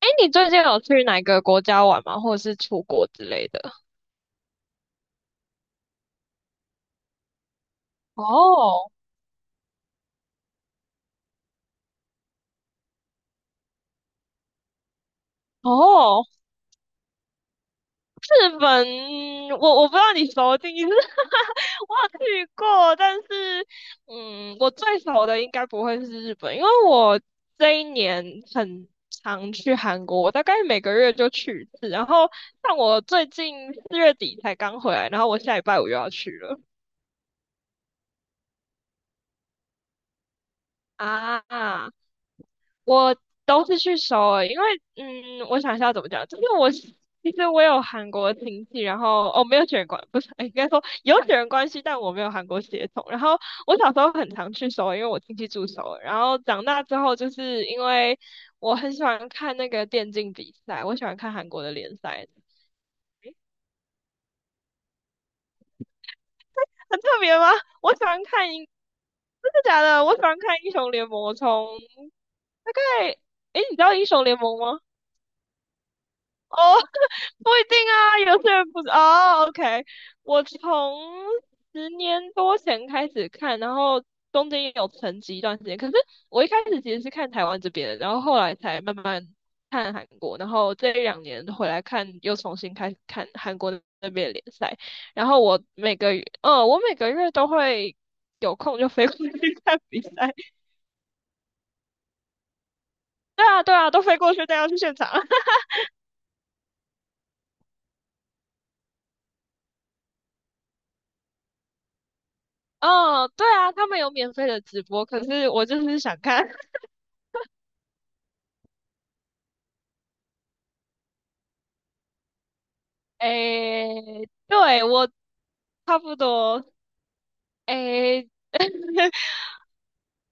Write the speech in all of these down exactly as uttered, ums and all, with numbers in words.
哎你最近有去哪个国家玩吗？或者是出国之类的？哦哦，日本，我我不知道你熟的定义是，我有去过，但是嗯，我最熟的应该不会是日本，因为我这一年很常去韩国，我大概每个月就去一次，然后像我最近四月底才刚回来，然后我下礼拜五又要去了啊。我都是去首尔，因为嗯，我想一下怎么讲，就是我是其实我有韩国亲戚，然后哦没有血缘关，不是，哎应该说有血缘关系，但我没有韩国血统。然后我小时候很常去首尔，因为我亲戚住首尔。然后长大之后，就是因为我很喜欢看那个电竞比赛，我喜欢看韩国的联赛，很特别吗？我喜欢看英，真的假的？我喜欢看英雄联盟，从大概，哎，你知道英雄联盟吗？哦，不一定啊，有些人不是哦。OK，我从十年多前开始看，然后中间也有沉寂一段时间。可是我一开始其实是看台湾这边的，然后后来才慢慢看韩国，然后这一两年回来看，又重新开始看韩国那边的联赛。然后我每个月，嗯，我每个月都会有空就飞过去 看比赛。对啊，对啊，都飞过去，带要去现场。嗯，对啊，他们有免费的直播，可是我就是想看。诶，对，我差不多，诶，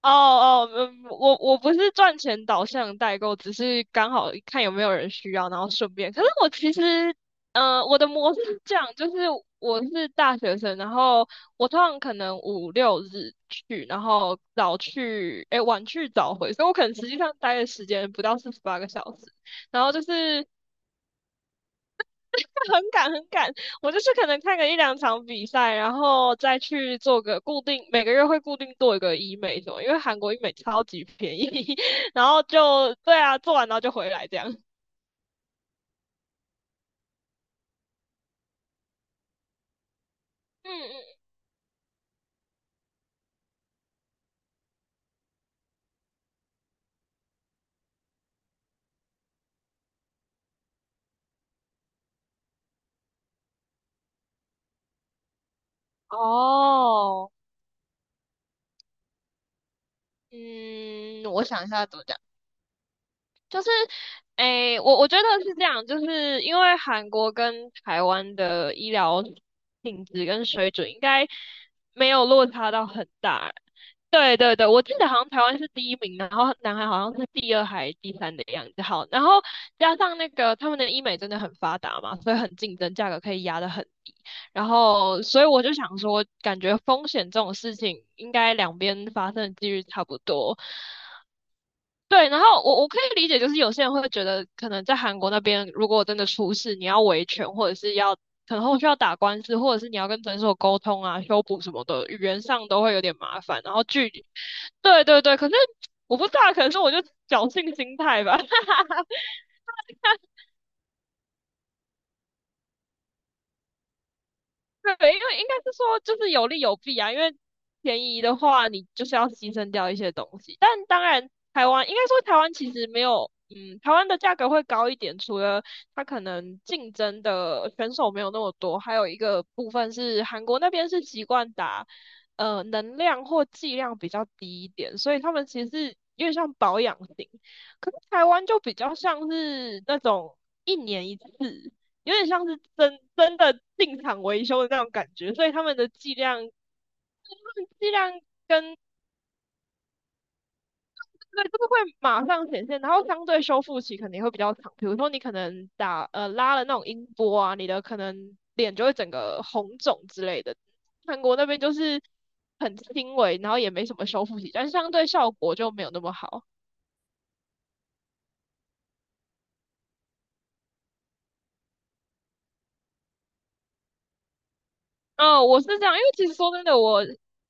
哦哦，嗯我我不是赚钱导向的代购，只是刚好看有没有人需要，然后顺便。可是我其实，嗯，我的模式是这样，就是我是大学生，然后我通常可能五六日去，然后早去，诶，晚去早回，所以我可能实际上待的时间不到四十八个小时。然后就是很赶很赶，我就是可能看个一两场比赛，然后再去做个固定，每个月会固定做一个医美什么，因为韩国医美超级便宜，然后就对啊，做完然后就回来这样。嗯嗯，哦，嗯，我想一下怎么讲。就是，诶，我我觉得是这样，就是因为韩国跟台湾的医疗品质跟水准应该没有落差到很大。对对对，我记得好像台湾是第一名，然后南韩好像是第二还第三的样子。好，然后加上那个他们的医美真的很发达嘛，所以很竞争，价格可以压得很低。然后，所以我就想说，感觉风险这种事情应该两边发生的几率差不多。对，然后我我可以理解，就是有些人会觉得，可能在韩国那边，如果真的出事，你要维权，或者是要可能后续要打官司，或者是你要跟诊所沟通啊、修补什么的，语言上都会有点麻烦。然后距离，对对对，可是我不知道，可能是我就侥幸心态吧。对，因为应该是说就是有利有弊啊，因为便宜的话，你就是要牺牲掉一些东西。但当然，台湾应该说台湾其实没有，嗯，台湾的价格会高一点，除了它可能竞争的选手没有那么多，还有一个部分是韩国那边是习惯打，呃，能量或剂量比较低一点，所以他们其实是有点像保养型。可是台湾就比较像是那种一年一次。有点像是真真的进厂维修的那种感觉，所以他们的剂量，他们剂量跟对这个会马上显现，然后相对修复期肯定会比较长。比如说你可能打呃拉了那种音波啊，你的可能脸就会整个红肿之类的。韩国那边就是很轻微，然后也没什么修复期，但是相对效果就没有那么好。哦，我是这样，因为其实说真的，我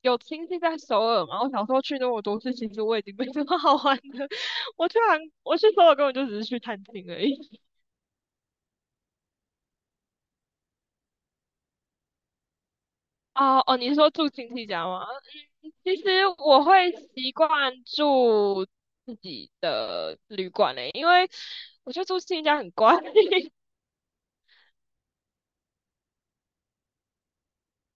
有亲戚在首尔嘛，我小时候去那么多次，其实我已经没什么好玩的。我去韩，我去首尔根本就只是去探亲而已。哦哦，你是说住亲戚家吗？嗯，其实我会习惯住自己的旅馆诶、因为我觉得住亲戚家很怪。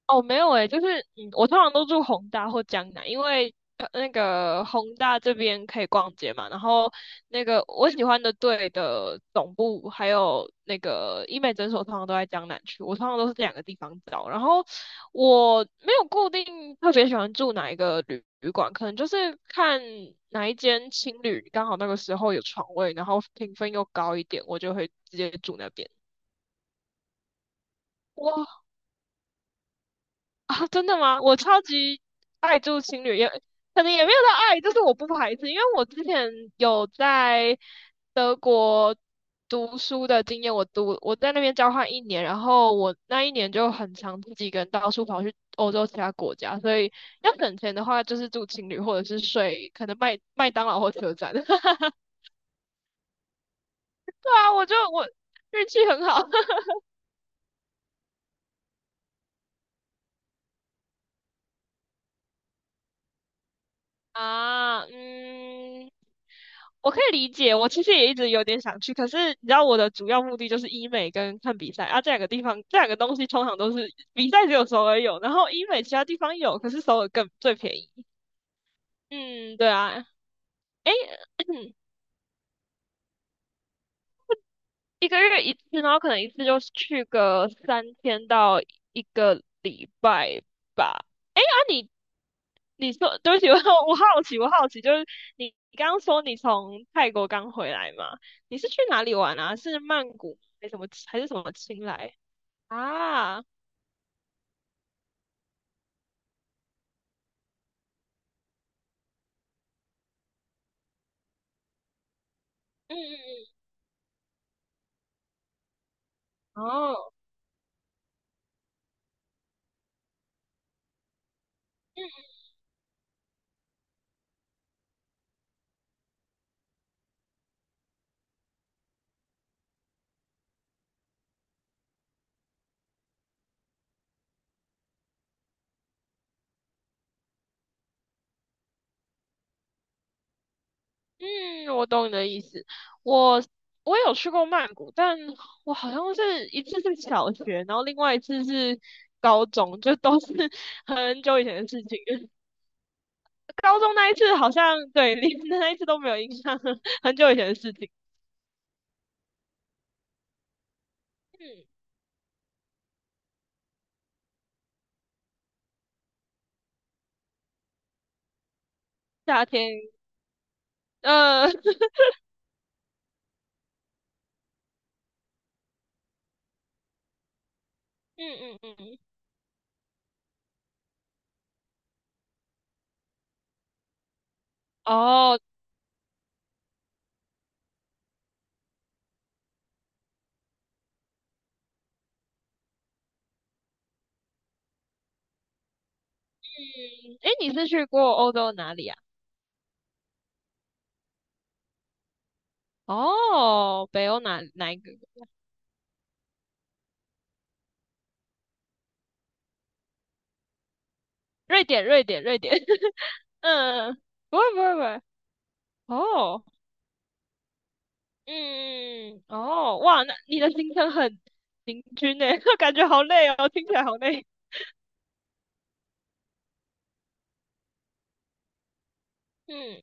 哦，没有诶，就是嗯，我通常都住宏大或江南，因为呃那个宏大这边可以逛街嘛，然后那个我喜欢的队的总部还有那个医美诊所，通常都在江南区，我通常都是这两个地方找。然后我没有固定特别喜欢住哪一个旅旅馆，可能就是看哪一间青旅刚好那个时候有床位，然后评分又高一点，我就会直接住那边。哇。啊，真的吗？我超级爱住情旅，也可能也没有到爱，就是我不排斥，因为我之前有在德国读书的经验，我读我在那边交换一年，然后我那一年就很常自己一个人到处跑去欧洲其他国家，所以要省钱的话，就是住情旅或者是睡可能麦麦当劳或车站。对啊，我就我运气很好 啊，嗯。我可以理解，我其实也一直有点想去，可是你知道我的主要目的就是医美跟看比赛啊，这两个地方，这两个东西通常都是比赛只有首尔有，然后医美其他地方有，可是首尔更最便宜。嗯，对啊，诶，一个月一次，然后可能一次就是去个三天到一个礼拜吧。那、你你说，对不起，我我好奇，我好奇，就是你你刚刚说你从泰国刚回来嘛？你是去哪里玩啊？是曼谷还是什么还是什么清莱？啊，嗯嗯，哦，嗯，嗯我懂你的意思。我我有去过曼谷，但我好像是一次是小学，然后另外一次是高中，就都是 很久以前的事情。高中那一次好像对，连那一次都没有印象，很久以前的事情。嗯，夏天，呃，嗯嗯嗯，哦，嗯，诶，你是去过欧洲哪里啊？哦，北欧哪哪一个？瑞典，瑞典，瑞典。嗯，不会不会不会，哦，嗯，哦，哇，那你的行程很平均呢，感觉好累哦，听起来好累。嗯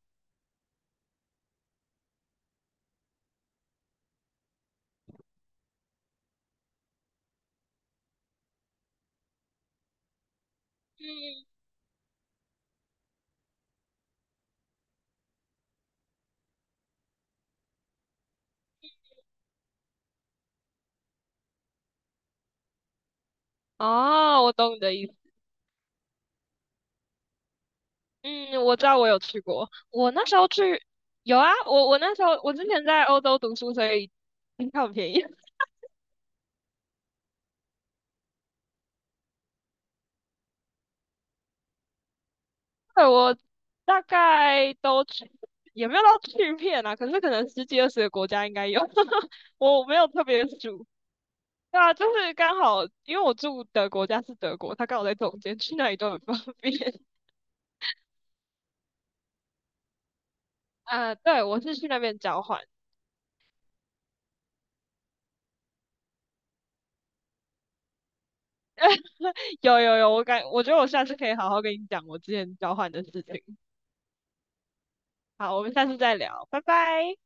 嗯，哦，我懂你的意思。嗯，我知道我有去过，我那时候去有啊，我我那时候我之前在欧洲读书，所以机票很便宜。对，我大概都去，也没有到去遍啊，可是可能十几二十个国家应该有，我没有特别数，对啊，就是刚好，因为我住的国家是德国，他刚好在中间，去哪里都很方便。啊，对，我是去那边交换。有有有，我感，我觉得我下次可以好好跟你讲我之前交换的事情。好，我们下次再聊，拜拜。